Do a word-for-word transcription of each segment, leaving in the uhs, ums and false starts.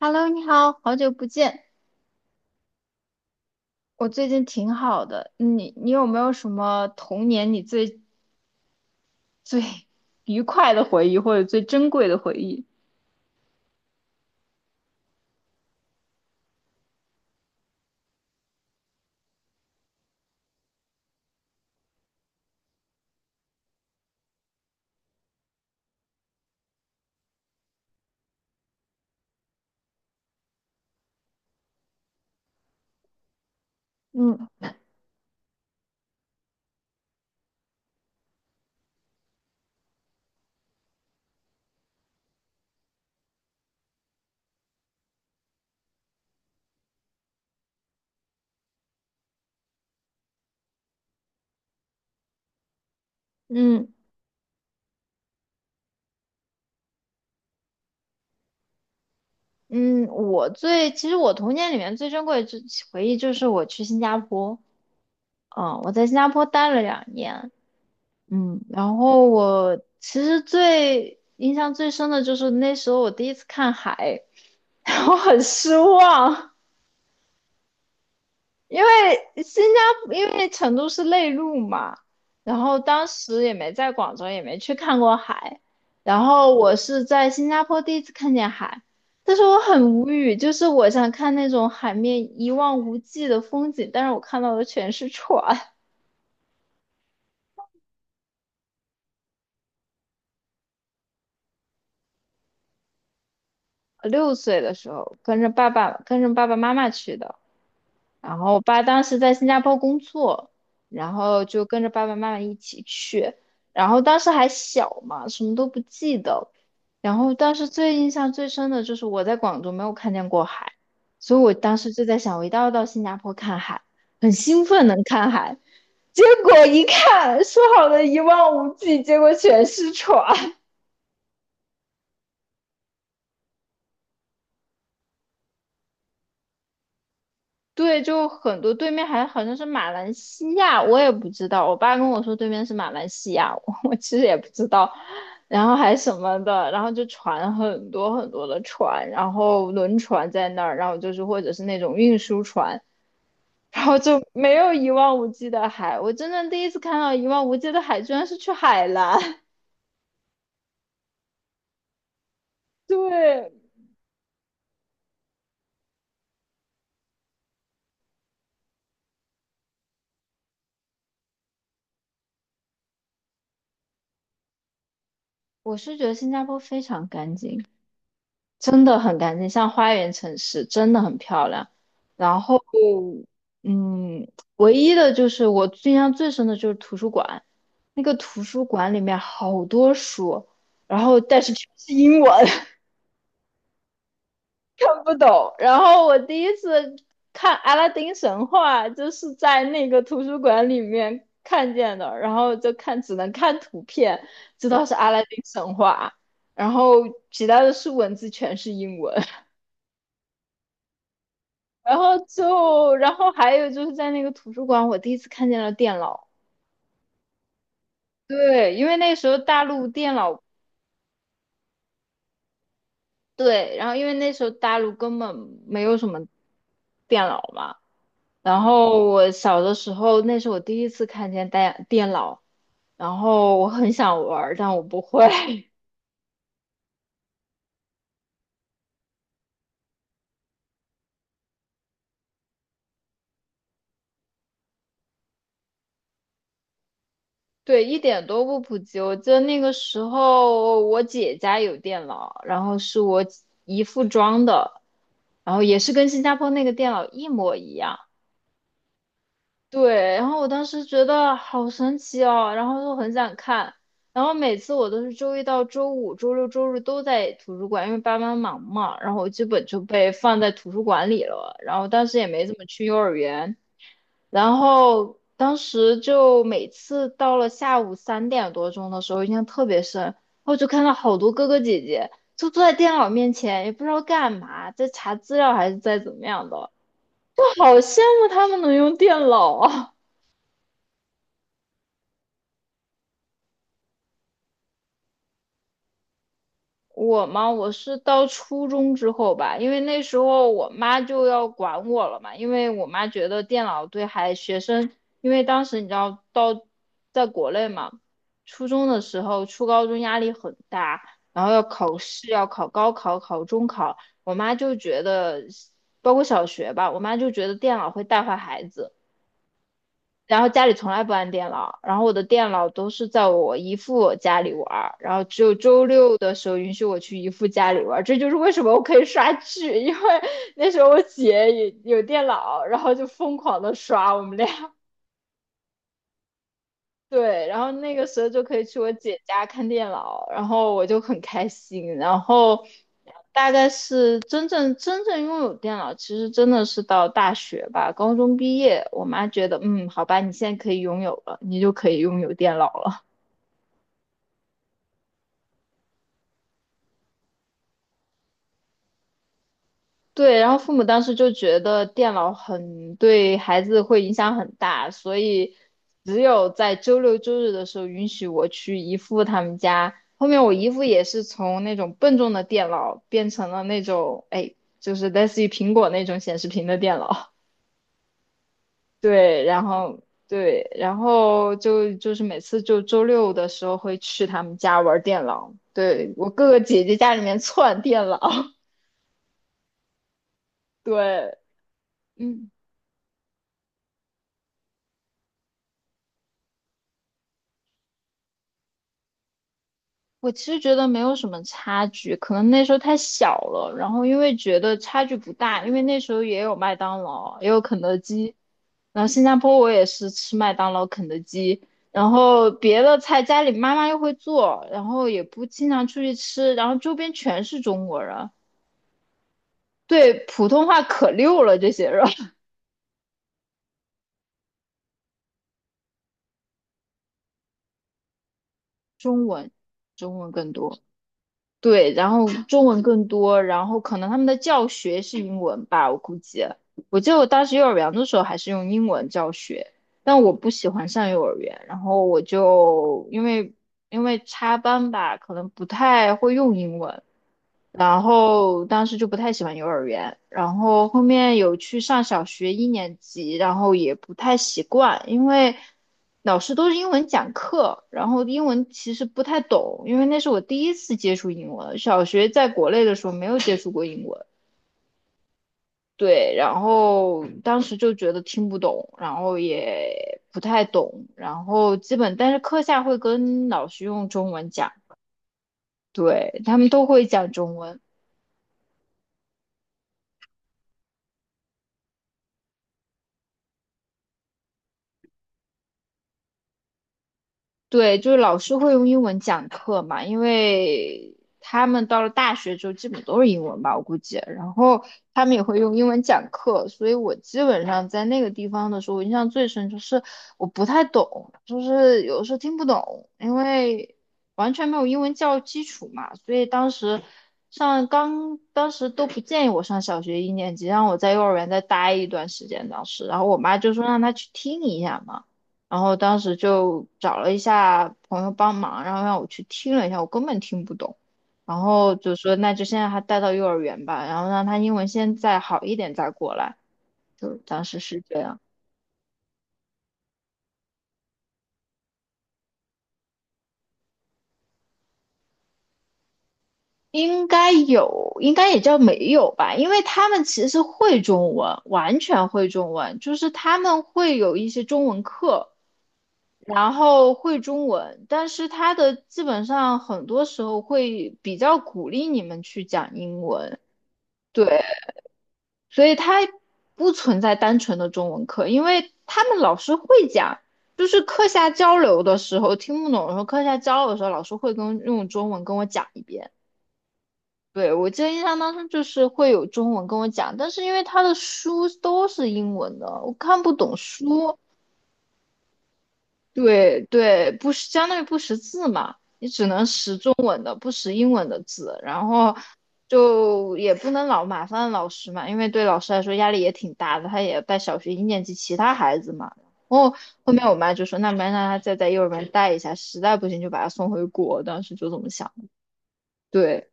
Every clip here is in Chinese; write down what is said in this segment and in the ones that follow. Hello，你好，好久不见。我最近挺好的，你你有没有什么童年你最最 愉快的回忆，或者最珍贵的回忆？嗯嗯嗯，我最其实我童年里面最珍贵的就回忆就是我去新加坡，嗯，我在新加坡待了两年，嗯，然后我其实最印象最深的就是那时候我第一次看海，然后很失望。因为新加坡，因为成都是内陆嘛，然后当时也没在广州，也没去看过海，然后我是在新加坡第一次看见海，但是我很无语，就是我想看那种海面一望无际的风景，但是我看到的全是船。六岁的时候跟着爸爸跟着爸爸妈妈去的。然后我爸当时在新加坡工作，然后就跟着爸爸妈妈一起去，然后当时还小嘛，什么都不记得。然后当时最印象最深的就是我在广州没有看见过海，所以我当时就在想，我一定要到新加坡看海，很兴奋能看海。结果一看，说好的一望无际，结果全是船。对，就很多对面还好像是马来西亚，我也不知道。我爸跟我说对面是马来西亚，我我其实也不知道。然后还什么的，然后就船很多很多的船，然后轮船在那儿，然后就是或者是那种运输船，然后就没有一望无际的海。我真的第一次看到一望无际的海，居然是去海南。对，我是觉得新加坡非常干净。真的很干净，像花园城市，真的很漂亮。然后，嗯，唯一的就是我印象最深的就是图书馆，那个图书馆里面好多书，然后但是全是英文，看不懂。然后我第一次看《阿拉丁神话》，就是在那个图书馆里面看见的，然后就看只能看图片，知道是《阿拉丁神话》，然后其他的是文字全是英文。然后就，然后还有就是在那个图书馆，我第一次看见了电脑。对，因为那时候大陆电脑，对，然后因为那时候大陆根本没有什么电脑嘛。然后我小的时候，那是我第一次看见电电脑，然后我很想玩儿但我不会。对，一点都不普及。我记得那个时候，我姐家有电脑，然后是我姨父装的，然后也是跟新加坡那个电脑一模一样。对，然后我当时觉得好神奇哦，然后就很想看。然后每次我都是周一到周五、周六、周日都在图书馆，因为爸妈忙嘛，然后我基本就被放在图书馆里了。然后当时也没怎么去幼儿园，然后当时就每次到了下午三点多钟的时候，印象特别深，然后就看到好多哥哥姐姐就坐在电脑面前，也不知道干嘛，在查资料还是在怎么样的，我好羡慕他们能用电脑啊！我嘛，我是到初中之后吧，因为那时候我妈就要管我了嘛，因为我妈觉得电脑对孩学生，因为当时你知道到在国内嘛，初中的时候、初高中压力很大，然后要考试、要考高考、考中考，我妈就觉得，包括小学吧，我妈就觉得电脑会带坏孩子。然后家里从来不安电脑，然后我的电脑都是在我姨父家里玩儿，然后只有周六的时候允许我去姨父家里玩儿，这就是为什么我可以刷剧，因为 那时候我姐也有电脑，然后就疯狂的刷，我们俩对，然后那个时候就可以去我姐家看电脑，然后我就很开心，然后。但真正真正拥有电脑，其实真的是到大学吧，高中毕业，我妈觉得，嗯，好吧，你现在可以拥有了，你就可以拥有电脑了。对，然后父母当时就觉得电脑很对孩子会影响很大，所以只有在周六周日的时候允许我去姨父他们家。后面我姨父也是从那种笨重的电脑变成了那种，哎，就是类似于苹果那种显示屏的电脑。对，然后对，然后就就是每次就周六的时候会去他们家玩电脑，对，我哥哥姐姐家里面串电脑，对，嗯。我其实觉得没有什么差距，可能那时候太小了，然后因为觉得差距不大，因为那时候也有麦当劳，也有肯德基，然后新加坡我也是吃麦当劳、肯德基，然后别的菜家里妈妈又会做，然后也不经常出去吃，然后周边全是中国人，对普通话可溜了这些人，中文，中文更多。对，然后中文更多，然后可能他们的教学是英文吧，我估计。我记得我当时幼儿园的时候还是用英文教学，但我不喜欢上幼儿园，然后我就因为因为插班吧，可能不太会用英文，然后当时就不太喜欢幼儿园，然后后面有去上小学一年级，然后也不太习惯，因为老师都是英文讲课，然后英文其实不太懂，因为那是我第一次接触英文，小学在国内的时候没有接触过英文。对，然后当时就觉得听不懂，然后也不太懂，然后基本，但是课下会跟老师用中文讲，对，他们都会讲中文。对，就是老师会用英文讲课嘛，因为他们到了大学之后基本都是英文吧，我估计。然后他们也会用英文讲课，所以我基本上在那个地方的时候，我印象最深就是我不太懂，就是有时候听不懂，因为完全没有英文教育基础嘛，所以当时上刚当时都不建议我上小学一年级，让我在幼儿园再待一段时间。当时，然后我妈就说让她去听一下嘛。然后当时就找了一下朋友帮忙，然后让我去听了一下，我根本听不懂。然后就说那就先让他带到幼儿园吧，然后让他英文先再好一点再过来。就当时是这样，应该有，应该也叫没有吧，因为他们其实会中文，完全会中文，就是他们会有一些中文课，然后会中文，但是他的基本上很多时候会比较鼓励你们去讲英文，所以它不存在单纯的中文课，因为他们老师会讲，就是课下交流的时候听不懂的时候，课下交流的时候老师会跟用中文跟我讲一遍。对，我记得印象当中就是会有中文跟我讲，但是因为他的书都是英文的，我看不懂书，对对，不识相当于不识字嘛，你只能识中文的，不识英文的字，然后就也不能老麻烦老师嘛，因为对老师来说压力也挺大的，他也带小学一年级其他孩子嘛。然后后面我妈就说，那没让他再在幼儿园待一下，实在不行就把他送回国，当时就这么想的。对。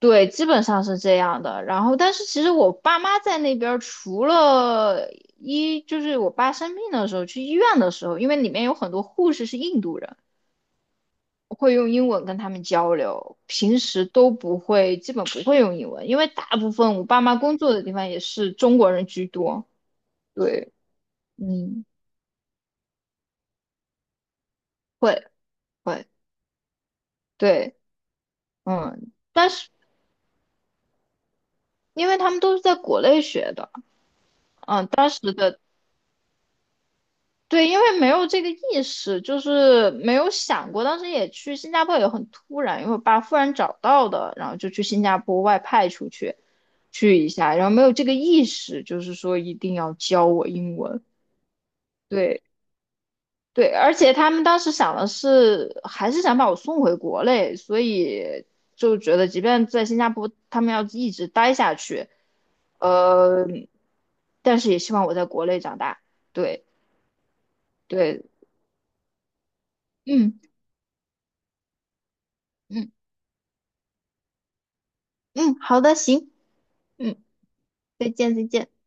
对，基本上是这样的。然后，但是其实我爸妈在那边儿，除了一就是我爸生病的时候，去医院的时候，因为里面有很多护士是印度人，我会用英文跟他们交流，平时都不会，基本不会用英文，因为大部分我爸妈工作的地方也是中国人居多。对，嗯，会会，对，嗯，但是因为他们都是在国内学的，嗯，当时的对，因为没有这个意识，就是没有想过。当时也去新加坡也很突然，因为我爸忽然找到的，然后就去新加坡外派出去去一下，然后没有这个意识，就是说一定要教我英文。对对，而且他们当时想的是，还是想把我送回国内，所以就觉得即便在新加坡，他们要一直待下去，呃，但是也希望我在国内长大。对对，嗯。嗯。嗯，好的，行，嗯，再见，再见。